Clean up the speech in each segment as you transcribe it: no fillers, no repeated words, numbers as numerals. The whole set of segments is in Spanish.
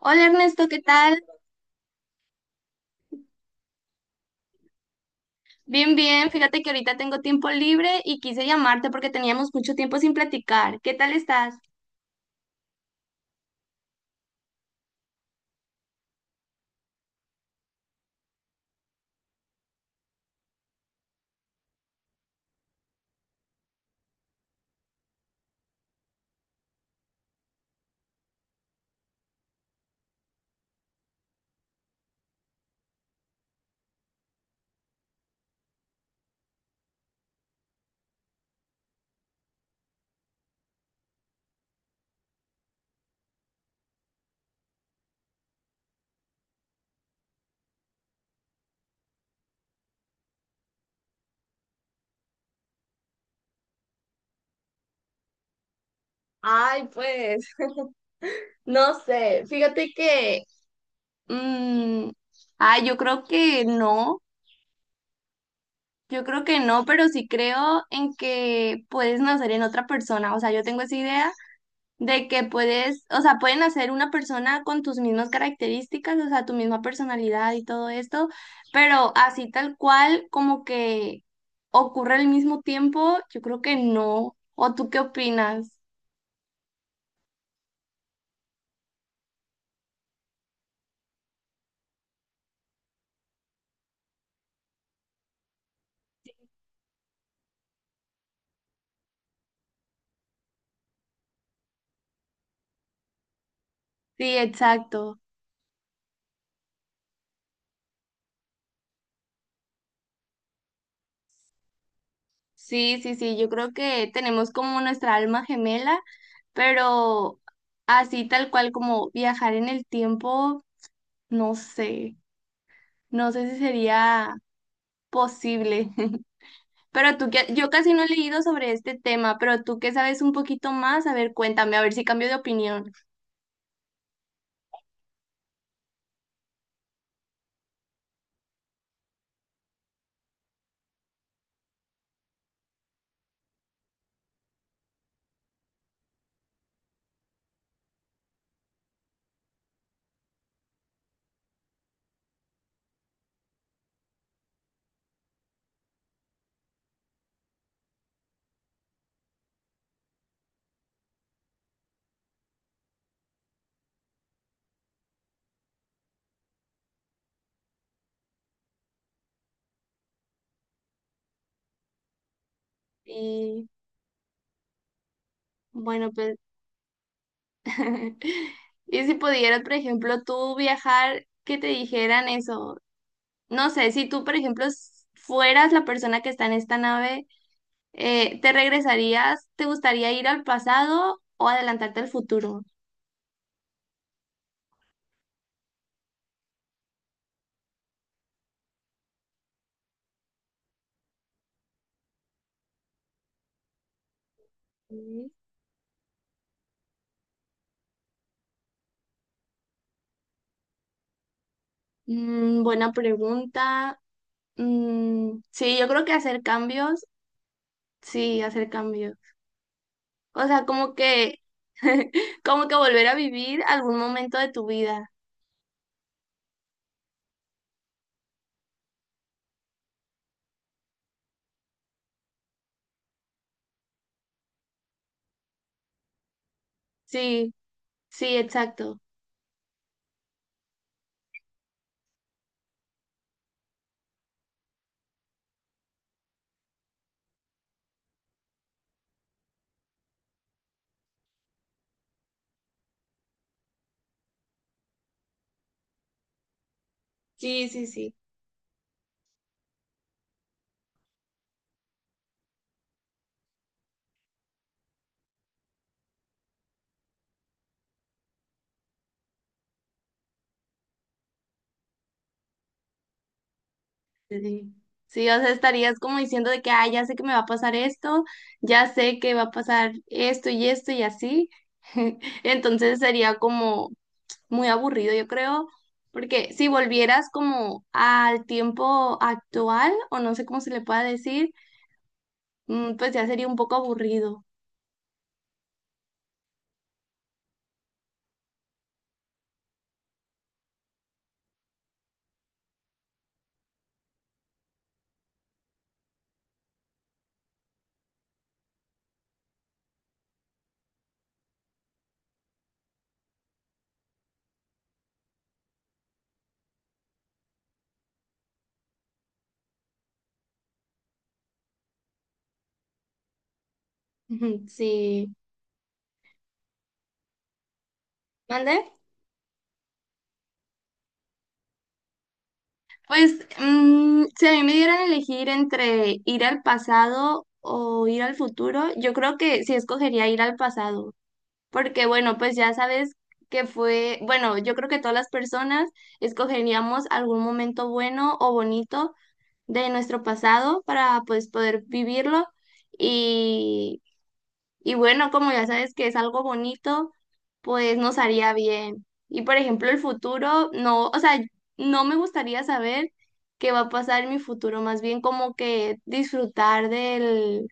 Hola Ernesto, ¿qué tal? Bien, bien. Fíjate que ahorita tengo tiempo libre y quise llamarte porque teníamos mucho tiempo sin platicar. ¿Qué tal estás? Ay, pues, no sé, fíjate que, Mm, yo creo que no, yo creo que no, pero sí creo en que puedes nacer en otra persona. O sea, yo tengo esa idea de que puedes, o sea, pueden hacer una persona con tus mismas características, o sea, tu misma personalidad y todo esto, pero así tal cual como que ocurre al mismo tiempo, yo creo que no. ¿O tú qué opinas? Sí, exacto. Sí, sí, sí, yo creo que tenemos como nuestra alma gemela, pero así tal cual como viajar en el tiempo, no sé, no sé si sería posible. Pero tú que, yo casi no he leído sobre este tema, pero tú que sabes un poquito más, a ver, cuéntame, a ver si cambio de opinión. Y bueno, pues, y si pudieras, por ejemplo, tú viajar, que te dijeran eso, no sé, si tú, por ejemplo, fueras la persona que está en esta nave, ¿te regresarías? ¿Te gustaría ir al pasado o adelantarte al futuro? Mm. Mm, buena pregunta. Mm, sí, yo creo que hacer cambios, sí, hacer cambios. O sea, como que, como que volver a vivir algún momento de tu vida. Sí, sí, exacto. Sí, sí, sí. Sí, sí, o sea, estarías como diciendo de que, ah, ya sé que me va a pasar esto, ya sé que va a pasar esto y esto y así. Entonces sería como muy aburrido, yo creo, porque si volvieras como al tiempo actual, o no sé cómo se le pueda decir, mm, pues ya sería un poco aburrido. Sí. ¿Mande? Pues mm, si a mí me dieran a elegir entre ir al pasado o ir al futuro, yo creo que sí escogería ir al pasado, porque bueno, pues ya sabes que fue, bueno, yo creo que todas las personas escogeríamos algún momento bueno o bonito de nuestro pasado para pues poder vivirlo y bueno, como ya sabes que es algo bonito, pues nos haría bien. Y por ejemplo, el futuro, no, o sea, no me gustaría saber qué va a pasar en mi futuro, más bien como que disfrutar del,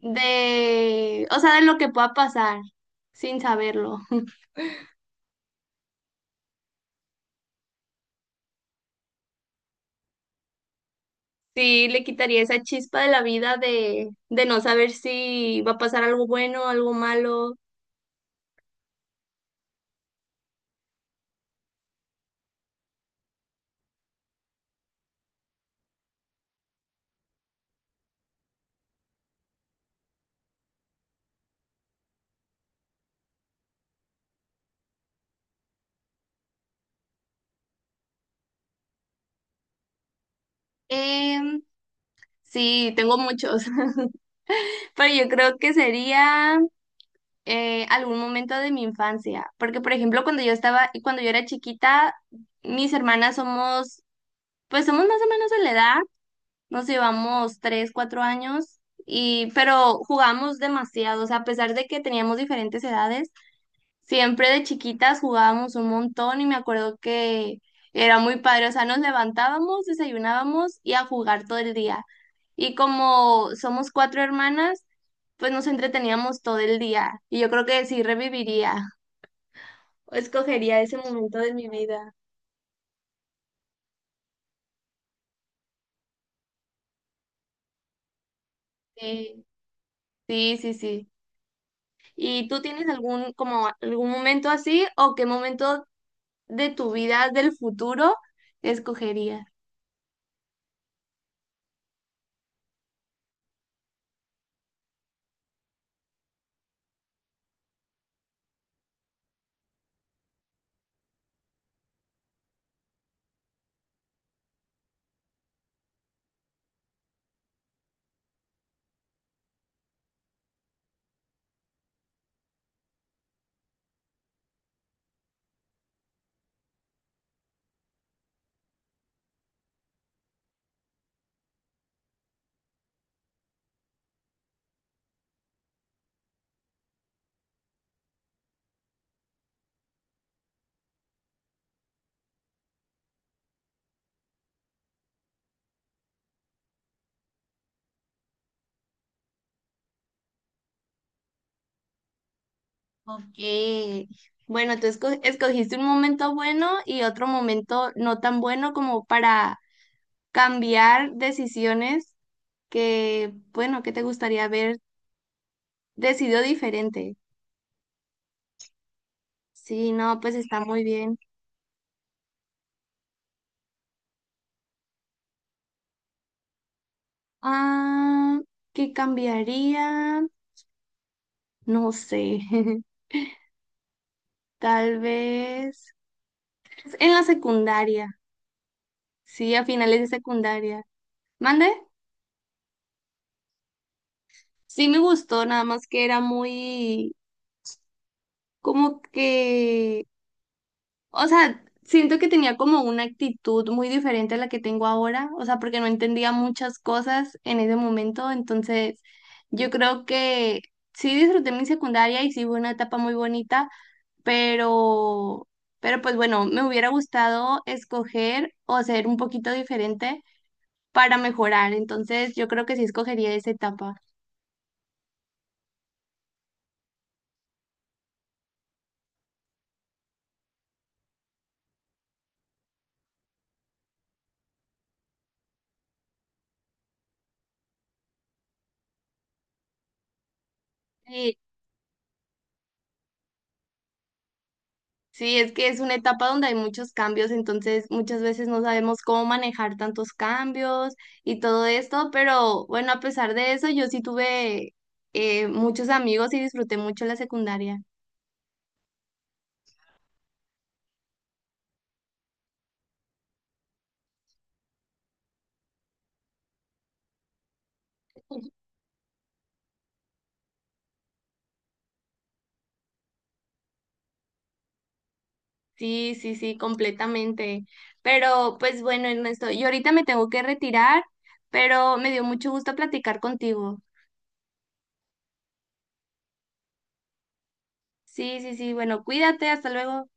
de, o sea, de lo que pueda pasar sin saberlo. Sí, le quitaría esa chispa de la vida de no saber si va a pasar algo bueno, algo malo. Em, sí, tengo muchos, pero yo creo que sería... algún momento de mi infancia, porque por ejemplo cuando yo estaba, cuando yo era chiquita, mis hermanas somos, pues somos más o menos de la edad, nos llevamos tres, cuatro años, y, pero jugamos demasiado, o sea, a pesar de que teníamos diferentes edades, siempre de chiquitas jugábamos un montón y me acuerdo que era muy padre, o sea, nos levantábamos, desayunábamos y a jugar todo el día. Y como somos cuatro hermanas, pues nos entreteníamos todo el día. Y yo creo que sí reviviría o escogería ese momento de mi vida. Sí, sí, sí, sí. ¿Y tú tienes algún, como algún momento así o qué momento de tu vida del futuro escogerías? Ok. Bueno, tú escogiste un momento bueno y otro momento no tan bueno como para cambiar decisiones que, bueno, que te gustaría haber decidido diferente. Sí, no, pues está muy bien. Ah, ¿qué cambiaría? No sé. Tal vez en la secundaria. Sí, a finales de secundaria. ¿Mande? Sí me gustó, nada más que era muy como que o sea, siento que tenía como una actitud muy diferente a la que tengo ahora, o sea, porque no entendía muchas cosas en ese momento, entonces yo creo que sí disfruté mi secundaria y sí fue una etapa muy bonita, pero, pero pues bueno, me hubiera gustado escoger o ser un poquito diferente para mejorar, entonces yo creo que sí escogería esa etapa. Sí, es que es una etapa donde hay muchos cambios, entonces muchas veces no sabemos cómo manejar tantos cambios y todo esto, pero bueno, a pesar de eso, yo sí tuve muchos amigos y disfruté mucho la secundaria. Sí, sí, sí, completamente. Pero pues bueno, Ernesto, yo ahorita me tengo que retirar, pero me dio mucho gusto platicar contigo. Sí, sí, sí, bueno, cuídate, hasta luego.